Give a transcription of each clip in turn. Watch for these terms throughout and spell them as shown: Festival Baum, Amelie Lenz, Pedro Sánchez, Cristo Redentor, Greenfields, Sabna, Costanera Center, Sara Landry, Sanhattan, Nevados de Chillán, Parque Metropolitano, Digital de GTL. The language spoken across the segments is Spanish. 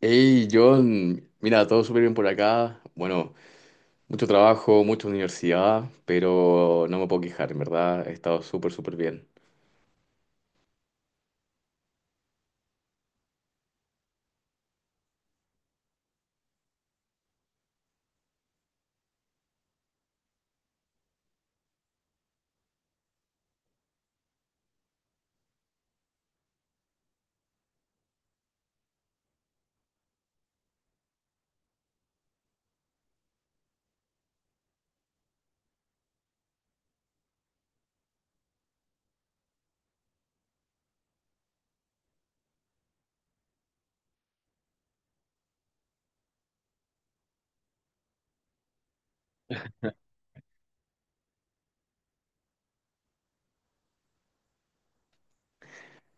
Hey, John, mira, todo súper bien por acá. Bueno, mucho trabajo, mucha universidad, pero no me puedo quejar, en verdad, he estado súper, súper bien.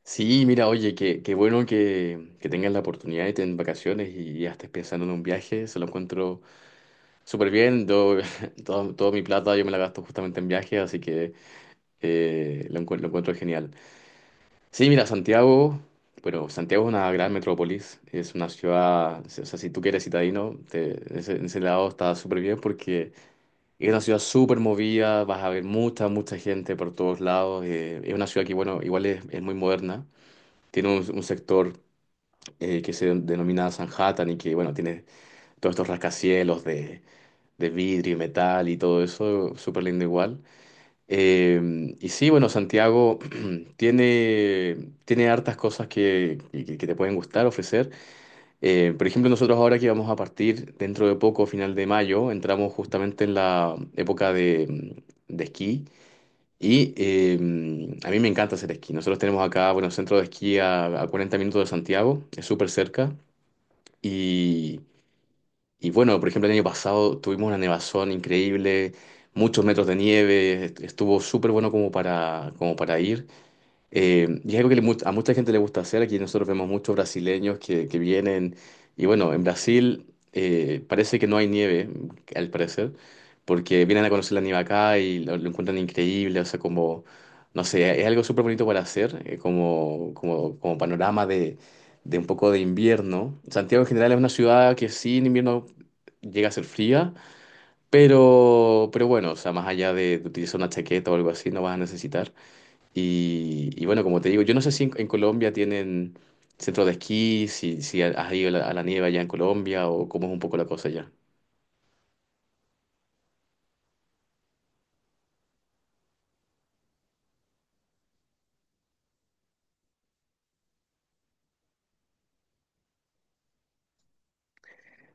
Sí, mira, oye, qué bueno que tengas la oportunidad de tener vacaciones y ya estés pensando en un viaje, se lo encuentro súper bien. Yo, toda mi plata yo me la gasto justamente en viajes, así que lo encuentro, genial. Sí, mira, Santiago, bueno, Santiago es una gran metrópolis, es una ciudad, o sea, si tú quieres eres citadino, en ese lado está súper bien porque es una ciudad súper movida, vas a ver mucha, mucha gente por todos lados, es una ciudad que, bueno, igual es, muy moderna, tiene un sector que se denomina Sanhattan y que, bueno, tiene todos estos rascacielos de vidrio y metal y todo eso, súper lindo igual. Y sí, bueno, Santiago tiene, hartas cosas que te pueden gustar, ofrecer. Por ejemplo, nosotros ahora que vamos a partir dentro de poco, final de mayo, entramos justamente en la época de, esquí. Y a mí me encanta hacer esquí. Nosotros tenemos acá, bueno, centro de esquí a 40 minutos de Santiago, es súper cerca. Y bueno, por ejemplo, el año pasado tuvimos una nevazón increíble, muchos metros de nieve, estuvo súper bueno como para, ir. Y es algo que a mucha gente le gusta hacer. Aquí nosotros vemos muchos brasileños que vienen. Y bueno, en Brasil parece que no hay nieve, al parecer, porque vienen a conocer la nieve acá y lo, encuentran increíble. O sea, como, no sé, es algo súper bonito para hacer, como, panorama de un poco de invierno. Santiago en general es una ciudad que sí, en invierno llega a ser fría, pero, bueno, o sea, más allá de utilizar una chaqueta o algo así, no vas a necesitar. Y, bueno, como te digo, yo no sé si en, Colombia tienen centro de esquí, si, has ido a la nieve allá en Colombia o cómo es un poco la cosa allá.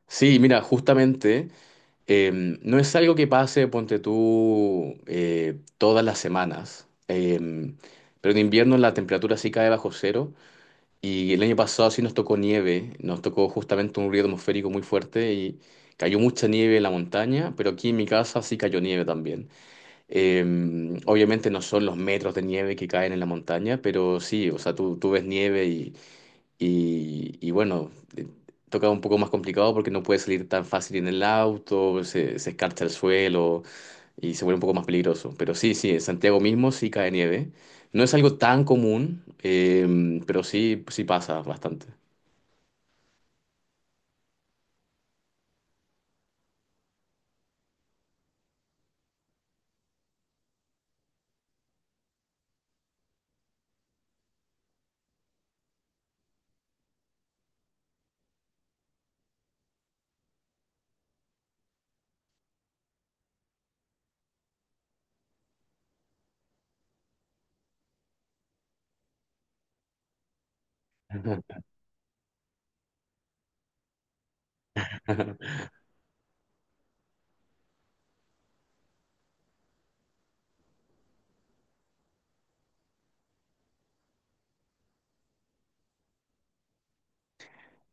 Sí, mira, justamente eh, no es algo que pase, ponte tú, todas las semanas, pero en invierno la temperatura sí cae bajo cero y el año pasado sí nos tocó nieve, nos tocó justamente un río atmosférico muy fuerte y cayó mucha nieve en la montaña, pero aquí en mi casa sí cayó nieve también. Eh, obviamente no son los metros de nieve que caen en la montaña, pero sí, o sea, tú, ves nieve y bueno, eh, toca un poco más complicado porque no puedes salir tan fácil en el auto, se escarcha el suelo y se vuelve un poco más peligroso. Pero sí, sí, en Santiago mismo sí cae nieve. No es algo tan común, pero sí, sí pasa bastante.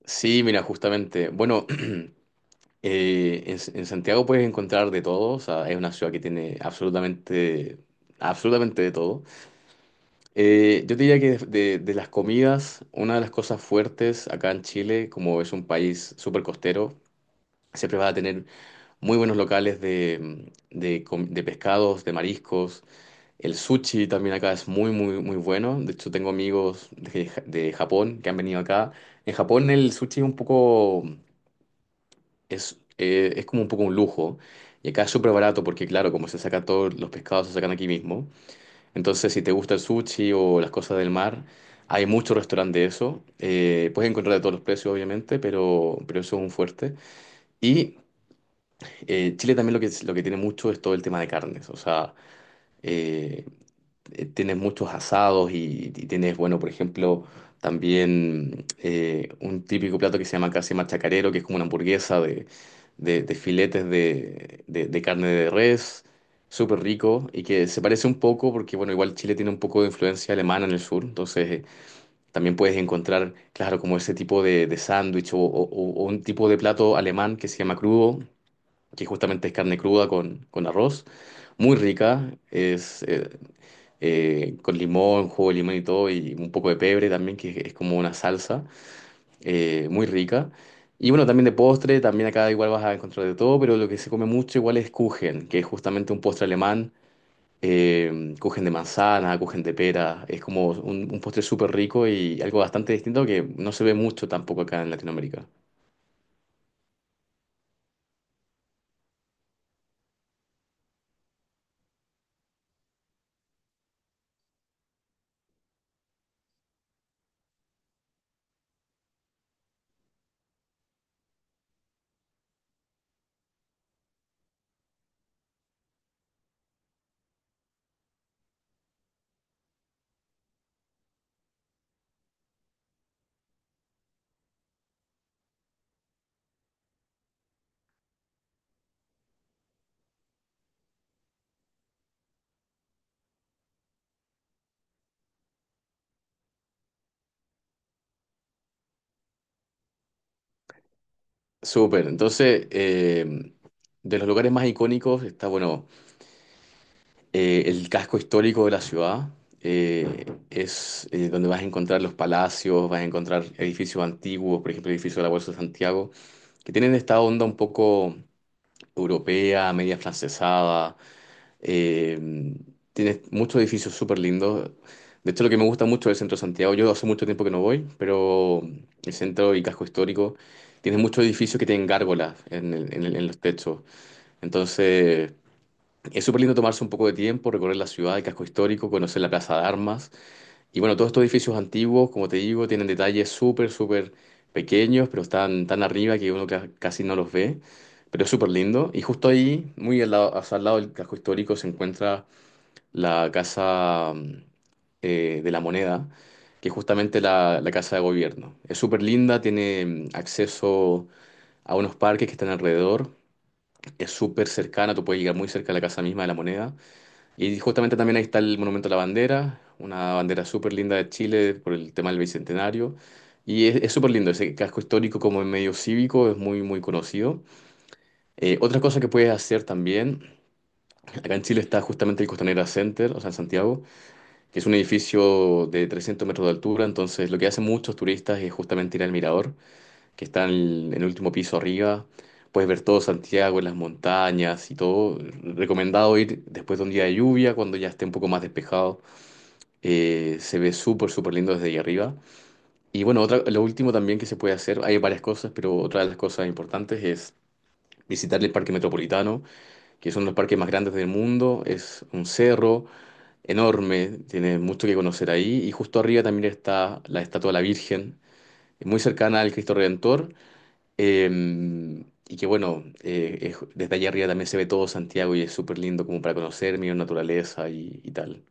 Sí, mira, justamente. Bueno, En Santiago puedes encontrar de todo, o sea, es una ciudad que tiene absolutamente, absolutamente de todo. Yo te diría que de, las comidas, una de las cosas fuertes acá en Chile, como es un país súper costero, siempre vas a tener muy buenos locales de, pescados, de mariscos. El sushi también acá es muy, muy, muy bueno. De hecho, tengo amigos de, Japón que han venido acá. En Japón el sushi es un poco. Es como un poco un lujo. Y acá es súper barato porque, claro, como se saca todos los pescados, se sacan aquí mismo. Entonces, si te gusta el sushi o las cosas del mar, hay muchos restaurantes de eso. Puedes encontrar de todos los precios, obviamente, pero, eso es un fuerte. Y Chile también lo que tiene mucho es todo el tema de carnes. O sea, eh, tienes muchos asados y tienes, bueno, por ejemplo, también un típico plato que se llama casi machacarero, que es como una hamburguesa de, filetes de- carne de res, súper rico y que se parece un poco porque, bueno, igual Chile tiene un poco de influencia alemana en el sur, entonces también puedes encontrar, claro, como ese tipo de, sándwich o, o un tipo de plato alemán que se llama crudo, que justamente es carne cruda con arroz. Muy rica, con limón, jugo de limón y todo, y un poco de pebre también, que es como una salsa muy rica. Y bueno, también de postre, también acá igual vas a encontrar de todo, pero lo que se come mucho igual es Kuchen, que es justamente un postre alemán, Kuchen de manzana, Kuchen de pera, es como un postre súper rico y algo bastante distinto que no se ve mucho tampoco acá en Latinoamérica. Súper, entonces, de los lugares más icónicos está, bueno, el casco histórico de la ciudad es donde vas a encontrar los palacios, vas a encontrar edificios antiguos, por ejemplo, el edificio de la Bolsa de Santiago, que tienen esta onda un poco europea, media francesada. eh, tienes muchos edificios súper lindos. De hecho, lo que me gusta mucho del centro de Santiago, yo hace mucho tiempo que no voy, pero el centro y casco histórico tiene muchos edificios que tienen gárgolas en los techos. Entonces, es súper lindo tomarse un poco de tiempo, recorrer la ciudad, el casco histórico, conocer la Plaza de Armas. Y bueno, todos estos edificios antiguos, como te digo, tienen detalles súper, súper pequeños, pero están tan arriba que uno casi no los ve. Pero es súper lindo. Y justo ahí, muy al lado, o sea, al lado del casco histórico, se encuentra la Casa de la Moneda, que es justamente la, Casa de Gobierno. Es súper linda, tiene acceso a unos parques que están alrededor. Es súper cercana, tú puedes llegar muy cerca a la Casa misma de la Moneda. Y justamente también ahí está el Monumento a la Bandera, una bandera súper linda de Chile por el tema del Bicentenario. Y es súper lindo, ese casco histórico como en medio cívico es muy, muy conocido. Otra cosa que puedes hacer también, acá en Chile está justamente el Costanera Center, o sea, en Santiago, que es un edificio de 300 metros de altura, entonces lo que hacen muchos turistas es justamente ir al mirador, que está en el último piso arriba, puedes ver todo Santiago, las montañas y todo. Recomendado ir después de un día de lluvia, cuando ya esté un poco más despejado se ve súper, súper lindo desde ahí arriba. Y bueno, otra, lo último también que se puede hacer, hay varias cosas, pero otra de las cosas importantes es visitar el Parque Metropolitano, que es uno de los parques más grandes del mundo, es un cerro enorme, tiene mucho que conocer ahí, y justo arriba también está la estatua de la Virgen, muy cercana al Cristo Redentor, y que bueno, desde allá arriba también se ve todo Santiago y es súper lindo como para conocer, mirar naturaleza y, tal.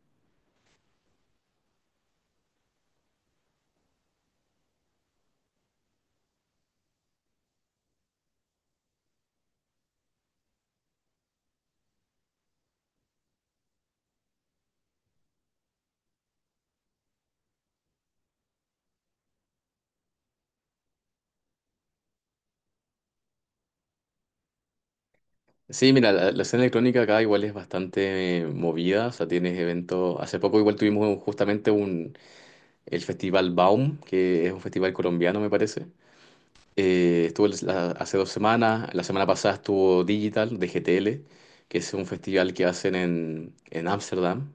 Sí, mira, la escena electrónica acá igual es bastante movida, o sea, tienes eventos, hace poco igual tuvimos justamente el Festival Baum, que es un festival colombiano, me parece. Estuvo hace 2 semanas, la semana pasada estuvo Digital de G T L, que es un festival que hacen en Ámsterdam.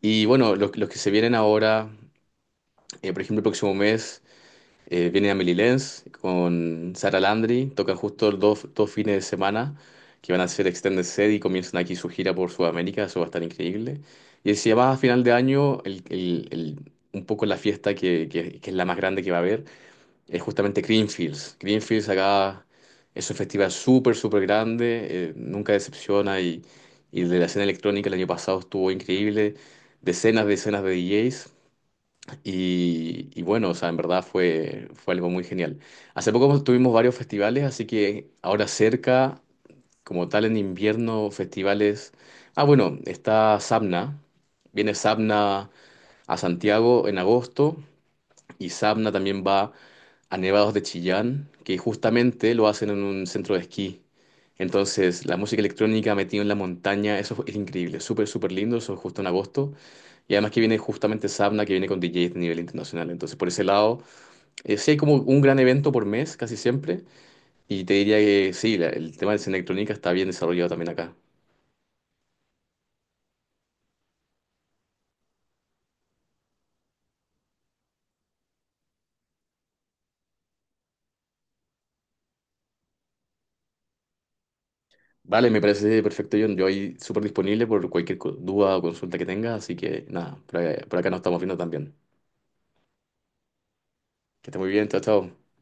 Y bueno, los, que se vienen ahora, por ejemplo, el próximo mes. Viene Amelie Lenz con Sara Landry, tocan justo los 2 fines de semana que van a ser Extended Set y comienzan aquí su gira por Sudamérica, eso va a estar increíble. Y si además a final de año, un poco la fiesta que, es la más grande que va a haber es justamente Greenfields. Greenfields acá es un festival súper, súper grande, nunca decepciona y, de la escena electrónica el año pasado estuvo increíble, decenas, decenas de DJs. Y, bueno, o sea, en verdad fue algo muy genial. Hace poco tuvimos varios festivales, así que ahora cerca, como tal en invierno, festivales. Ah, bueno, está Sabna. Viene Sabna a Santiago en agosto. Y Sabna también va a Nevados de Chillán, que justamente lo hacen en un centro de esquí. Entonces, la música electrónica metida en la montaña, eso es increíble, súper, súper lindo, eso es justo en agosto. Y además que viene justamente Sabna, que viene con DJs de nivel internacional. Entonces, por ese lado, sí hay como un gran evento por mes, casi siempre. Y te diría que sí, el tema de escena electrónica está bien desarrollado también acá. Vale, me parece perfecto, John. Yo ahí súper disponible por cualquier duda o consulta que tengas. Así que nada, por acá nos estamos viendo también. Que esté muy bien, chao, chao.